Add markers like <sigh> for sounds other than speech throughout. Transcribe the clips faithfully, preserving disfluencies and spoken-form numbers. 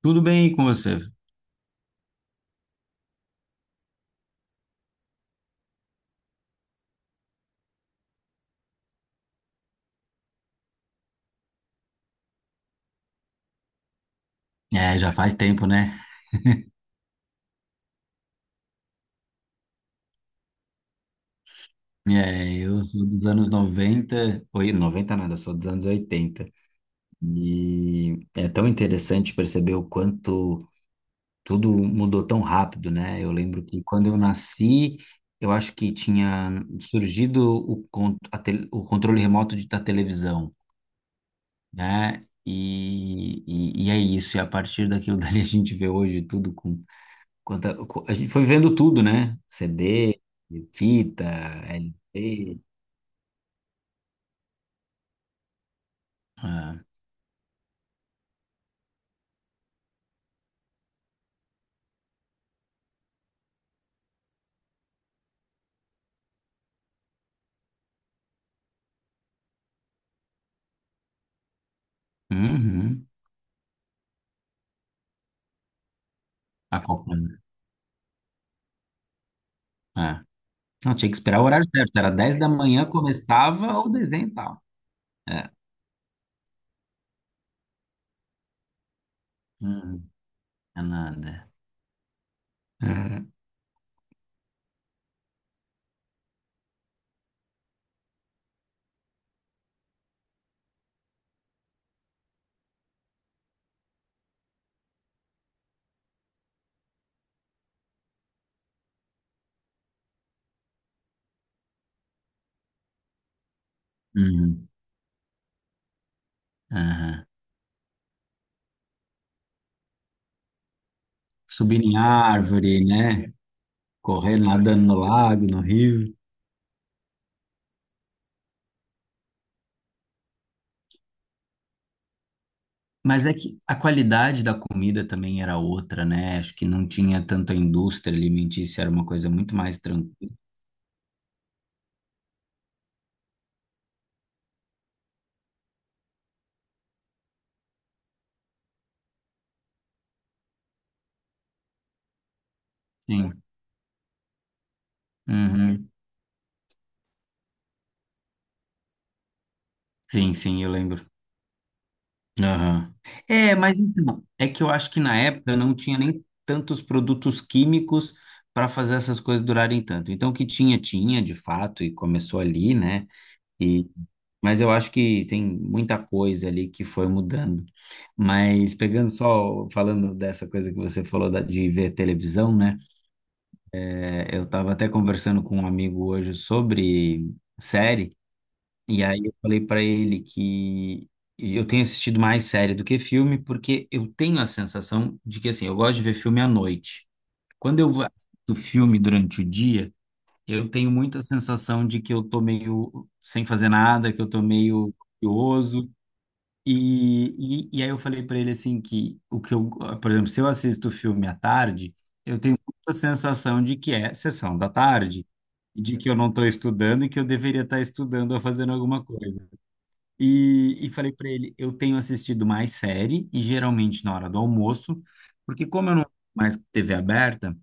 Tudo bem com você? É, já faz tempo, né? É, eu sou dos anos noventa. Oi, noventa nada, eu sou dos anos oitenta. E é tão interessante perceber o quanto tudo mudou tão rápido, né? Eu lembro que quando eu nasci, eu acho que tinha surgido o, con- a tele- o controle remoto de, da televisão, né? E, e, e é isso, e a partir daquilo <laughs> dali a gente vê hoje tudo com... Quanta, co- a gente foi vendo tudo, né? C D, fita, L P. Ah, uhum. Acompanhando. É. Não, tinha que esperar o horário certo. Era dez da manhã, começava o desenho e tal. É. Uhum. É nada. É. Uhum. Aham. Subir em árvore, né? Correr, nadando no lago, no rio. Mas é que a qualidade da comida também era outra, né? Acho que não tinha tanto a indústria alimentícia, era uma coisa muito mais tranquila. Sim. Uhum. Sim, sim, eu lembro. Aham. É, mas então, é que eu acho que na época não tinha nem tantos produtos químicos para fazer essas coisas durarem tanto. Então, o que tinha, tinha, de fato, e começou ali, né? E, mas eu acho que tem muita coisa ali que foi mudando. Mas pegando só, falando dessa coisa que você falou da- de ver televisão, né? É, eu estava até conversando com um amigo hoje sobre série. E aí eu falei pra ele que eu tenho assistido mais série do que filme, porque eu tenho a sensação de que assim, eu gosto de ver filme à noite. Quando eu vou- assisto filme durante o dia, eu tenho muita sensação de que eu tô meio sem fazer nada, que eu tô meio curioso. E, e, e aí eu falei pra ele assim que o que eu, por exemplo, se eu assisto filme à tarde, eu tenho muita sensação de que é sessão da tarde, de que eu não estou estudando e que eu deveria estar estudando ou fazendo alguma coisa. E, e falei para ele, eu tenho assistido mais série e geralmente na hora do almoço, porque como eu não tenho mais T V aberta,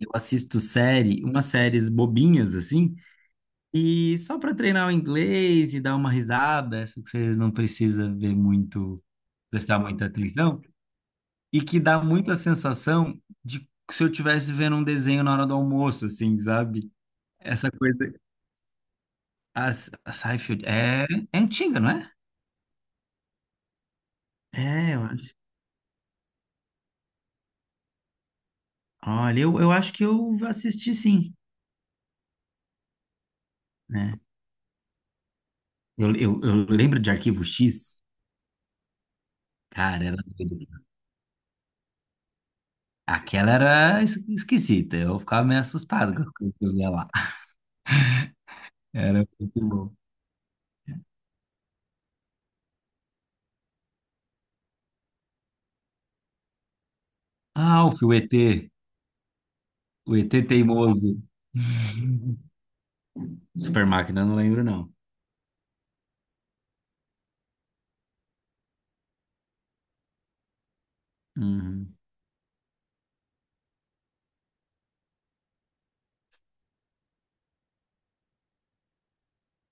eu assisto série, umas séries bobinhas assim, e só para treinar o inglês e dar uma risada, essa que você não precisa ver muito, prestar muita atenção, e que dá muito a sensação de que se eu estivesse vendo um desenho na hora do almoço, assim, sabe? Essa coisa, a, a Seinfeld é, é antiga, não é? É, eu acho. Olha, eu, eu acho que eu assisti, sim, né? Eu, eu, eu lembro de Arquivo X. Cara, era... doido. Aquela era es- esquisita. Eu ficava meio assustado com o que eu via lá. <laughs> Era muito bom. Alf, o E T. O E T teimoso. <laughs> Super Máquina, eu não lembro, não. Uhum.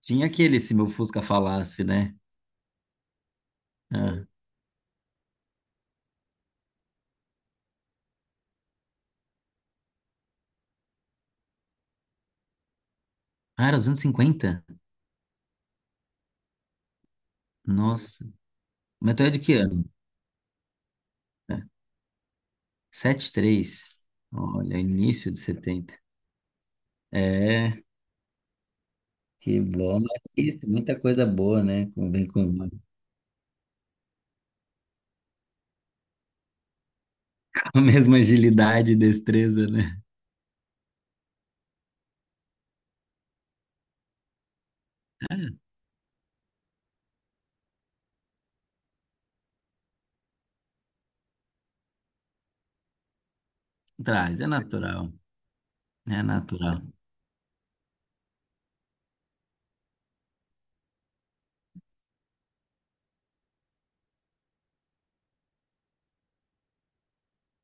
Tinha aquele Se Meu Fusca Falasse, né? Ah. Ah, era os anos cinquenta. Nossa. Mas tu é de que ano? É, sete três. Olha, início de setenta. É. Que bom, mas isso, muita coisa boa, né? Com- Vem com... <laughs> com a mesma agilidade e destreza, né? Traz, é natural, é natural.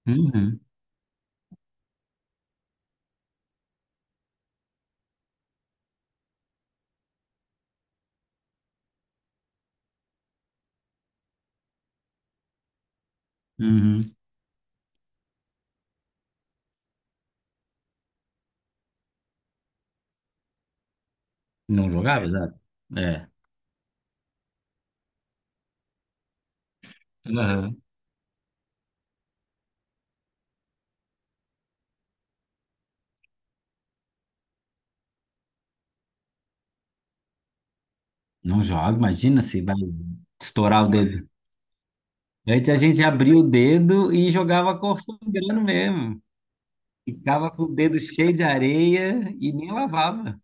Uhum, uhum. Não jogava, exato. É. Uhum. Não joga, imagina se vai estourar o dedo. Antes a gente abria o dedo e jogava cor sangrando mesmo. Ficava com o dedo cheio de areia e nem lavava.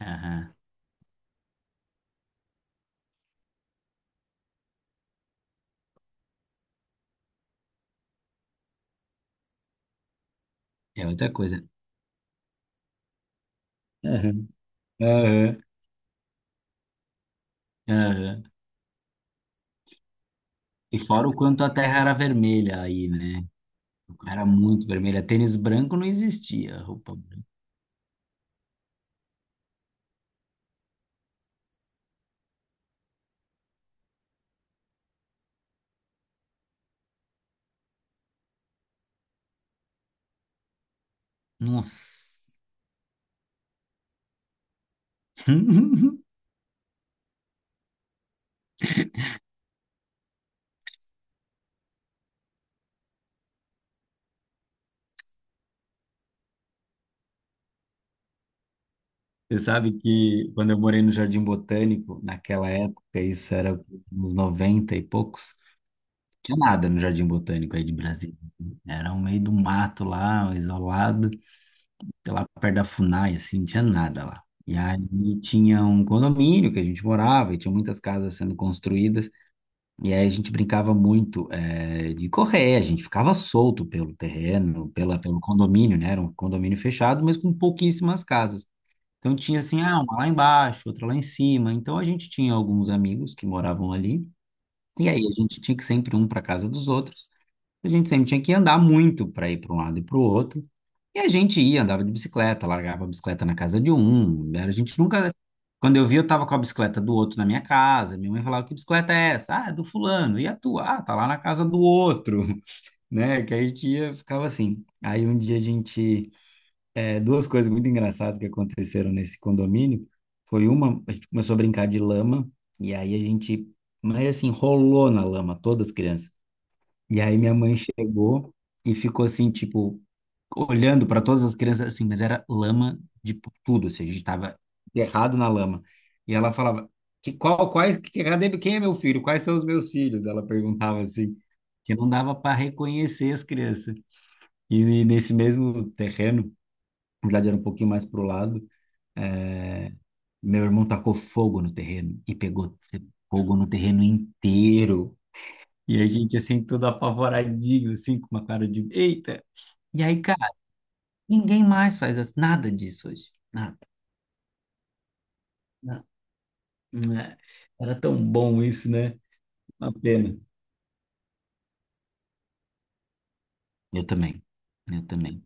Aham. É outra coisa. Aham. Aham. Aham. E fora o quanto a terra era vermelha aí, né? Era muito vermelha. Tênis branco não existia, roupa branca. Nossa. <laughs> Você sabe que quando eu morei no Jardim Botânico, naquela época, isso era uns noventa e poucos, tinha nada no Jardim Botânico aí de Brasília. Né? Era um meio do mato lá, isolado, sei lá perto da Funai, assim, não tinha nada lá. E aí tinha um condomínio que a gente morava e tinha muitas casas sendo construídas. E aí a gente brincava muito eh, de correr, a gente ficava solto pelo terreno, pela, pelo condomínio, né? Era um condomínio fechado, mas com pouquíssimas casas. Então tinha assim, ah, uma lá embaixo, outra lá em cima. Então a gente tinha alguns amigos que moravam ali e aí a gente tinha que sempre um para casa dos outros. A gente sempre tinha que andar muito para ir para um lado e para o outro. E a gente ia, andava de bicicleta, largava a bicicleta na casa de um. Era- A gente nunca... Quando eu vi, eu tava com a bicicleta do outro na minha casa. Minha mãe falava: "Que bicicleta é essa?" "Ah, é do fulano." "E a tua?" "Ah, tá lá na casa do outro." <laughs> Né? Que a gente ia, ficava assim. Aí um dia a gente... é, duas coisas muito engraçadas que aconteceram nesse condomínio. Foi uma, a gente começou a brincar de lama, e aí a gente, mas assim, rolou na lama, todas as crianças. E aí minha mãe chegou e ficou assim, tipo, olhando para todas as crianças, assim, mas era lama de tudo, assim, a gente tava errado na lama. E ela falava: que, qual, quais, que, cadê- quem é meu filho? Quais são os meus filhos? Ela perguntava assim, que não dava para reconhecer as crianças. E nesse mesmo terreno, na verdade, era um pouquinho mais pro lado. É, meu irmão tacou fogo no terreno e pegou fogo no terreno inteiro. E a gente, assim, todo apavoradinho, assim, com uma cara de eita. E aí, cara, ninguém mais faz as- nada disso hoje. Nada, nada. Né? Era tão bom isso, né? Uma pena. Eu também, eu também,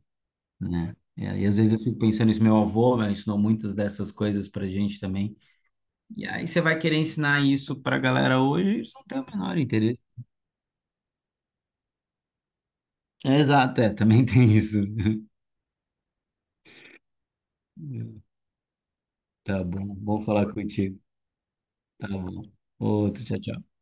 né? E aí, às vezes eu fico pensando isso, meu avô, né, ensinou muitas dessas coisas pra gente também. E aí você vai querer ensinar isso pra galera hoje, eles não têm o menor interesse. É, exato, é, também tem isso. <laughs> Tá bom, bom falar contigo. Tá bom. Outro, tchau, tchau.